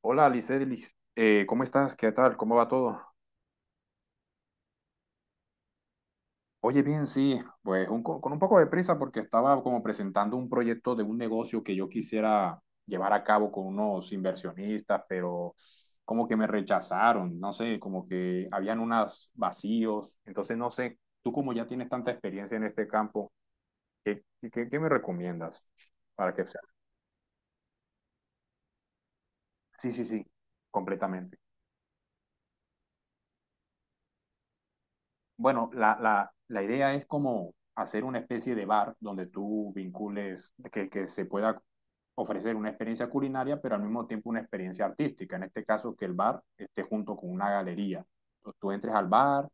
Hola, Alicelis, ¿cómo estás? ¿Qué tal? ¿Cómo va todo? Oye, bien, sí, pues con un poco de prisa porque estaba como presentando un proyecto de un negocio que yo quisiera llevar a cabo con unos inversionistas, pero como que me rechazaron, no sé, como que habían unos vacíos, entonces no sé, tú como ya tienes tanta experiencia en este campo, ¿qué, qué me recomiendas para que sea? Sí, sí, sí, completamente. Bueno, la idea es como hacer una especie de bar donde tú vincules, que se pueda ofrecer una experiencia culinaria, pero al mismo tiempo una experiencia artística. En este caso, que el bar esté junto con una galería. Entonces, tú entres al bar,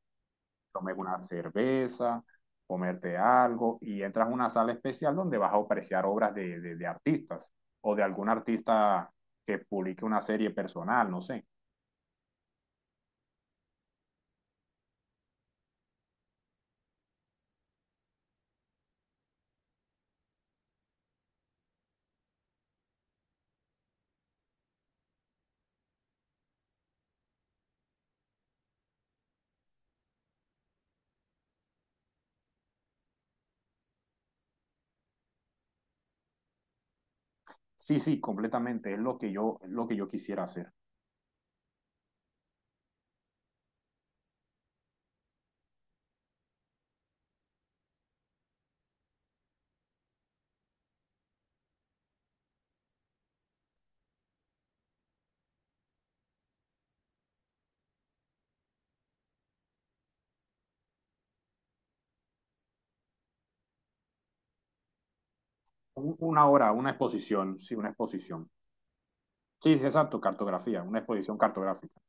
tomes una cerveza, comerte algo y entras a una sala especial donde vas a apreciar obras de artistas o de algún artista que publique una serie personal, no sé. Sí, sí, completamente. Es lo que yo, es lo que yo quisiera hacer. Una hora, una exposición. Sí, sí, exacto, cartografía, una exposición cartográfica.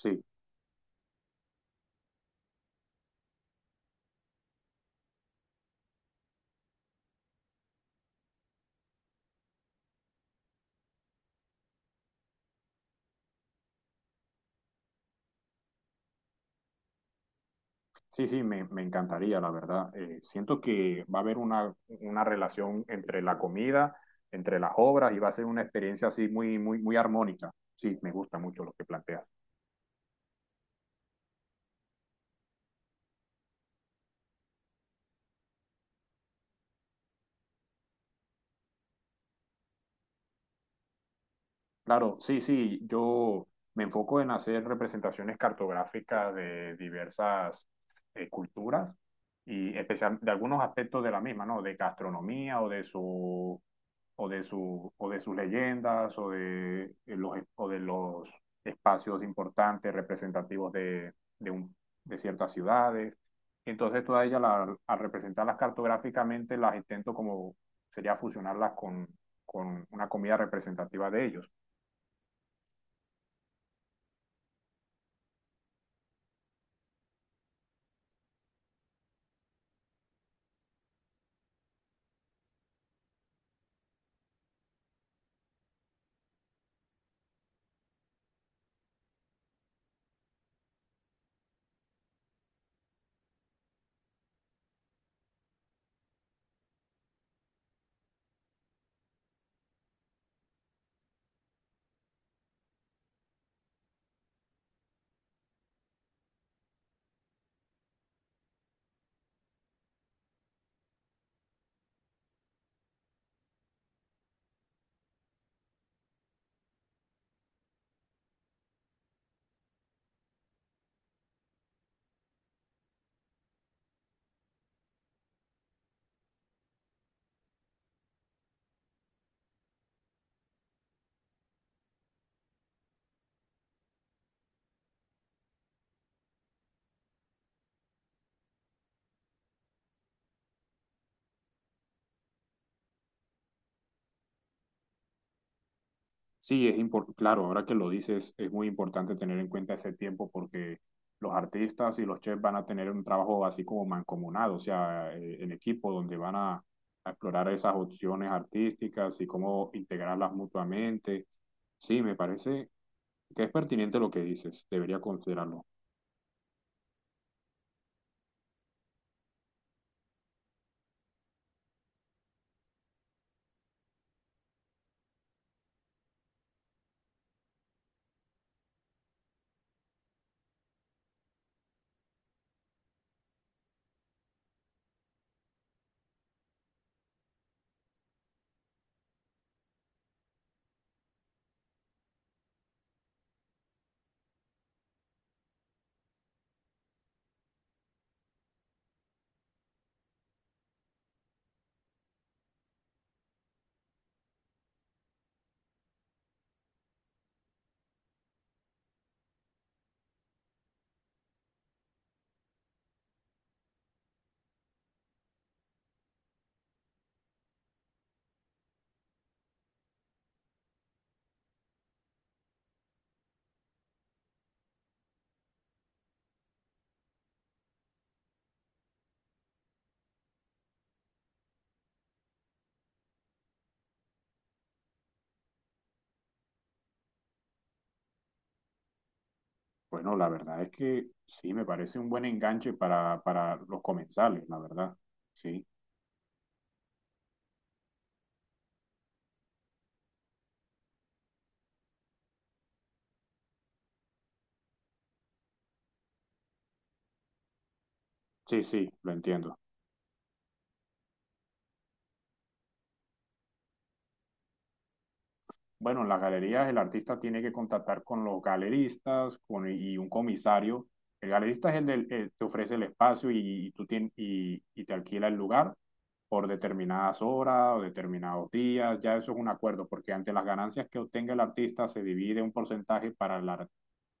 Sí, sí, sí, me encantaría, la verdad. Siento que va a haber una relación entre la comida, entre las obras y va a ser una experiencia así muy, muy, muy armónica. Sí, me gusta mucho lo que planteas. Claro, sí, sí, yo me enfoco en hacer representaciones cartográficas de diversas culturas y especial de algunos aspectos de la misma, ¿no? De gastronomía o de su o de su o de sus leyendas o de los espacios importantes representativos de un- de ciertas ciudades. Entonces, todas ellas al representarlas cartográficamente las intento como sería fusionarlas con una comida representativa de ellos. Sí, es importante, claro, ahora que lo dices, es muy importante tener en cuenta ese tiempo porque los artistas y los chefs van a tener un trabajo así como mancomunado, o sea, en equipo, donde a explorar esas opciones artísticas y cómo integrarlas mutuamente. Sí, me parece que es pertinente lo que dices, debería considerarlo. Bueno, la verdad es que sí, me parece un buen enganche para los comensales, la verdad. Sí, sí, sí, lo entiendo. Bueno, en las galerías el artista tiene que contactar con los galeristas con, y un comisario. El galerista es el del, te ofrece el espacio y tú tienes y te alquila el lugar por determinadas horas o determinados días. Ya eso es un acuerdo, porque ante las ganancias que obtenga el artista se divide un porcentaje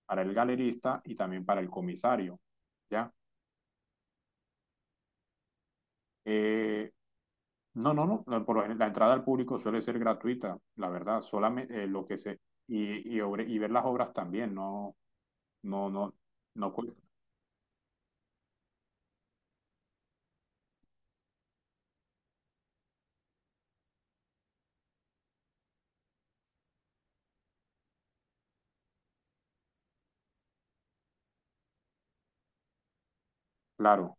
para el galerista y también para el comisario. ¿Ya? Eh, no, no, no, no. Por ejemplo, la entrada al público suele ser gratuita, la verdad. Solamente lo que se y ver las obras también, no. No, no, no, claro,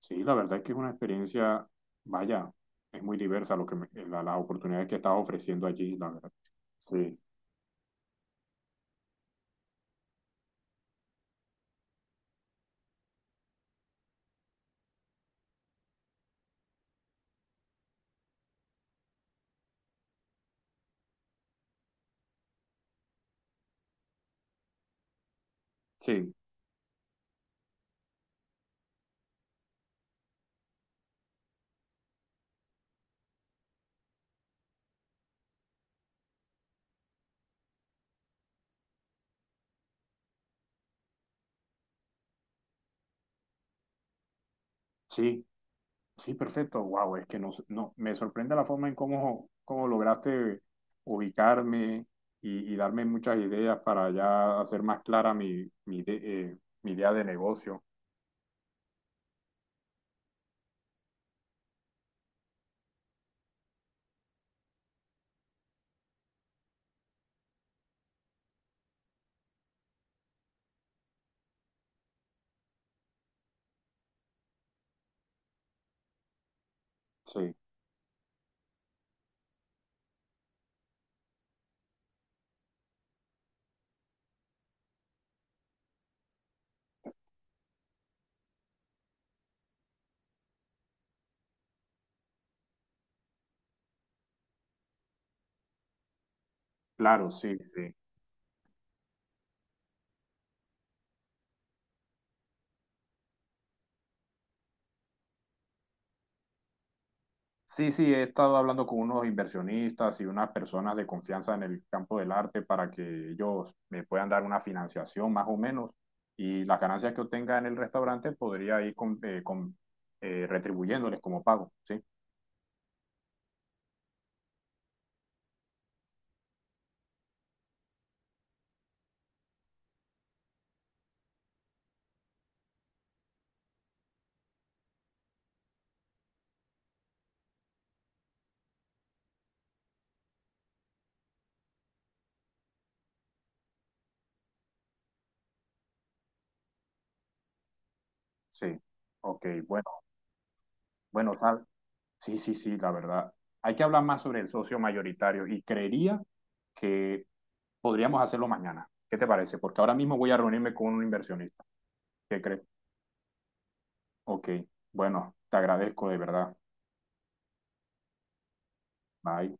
sí, la verdad es que es una experiencia, vaya, es muy diversa lo que las oportunidades que estás ofreciendo allí, la verdad. Sí, sí, sí, sí, perfecto. Wow, es que no, no, me sorprende la forma en cómo, cómo lograste ubicarme y darme muchas ideas para ya hacer más clara mi idea de negocio. Sí, claro, sí, sí. Sí, sí, he estado hablando con unos inversionistas y unas personas de confianza en el campo del arte para que ellos me puedan dar una financiación más o menos y las ganancias que obtenga en el restaurante podría ir retribuyéndoles como pago, ¿sí? Sí, ok, bueno, bueno, tal. Sí, sí, sí, la verdad. Hay que hablar más sobre el socio mayoritario y creería que podríamos hacerlo mañana. ¿Qué te parece? Porque ahora mismo voy a reunirme con un inversionista. ¿Qué crees? Ok, bueno, te agradezco de verdad. Bye.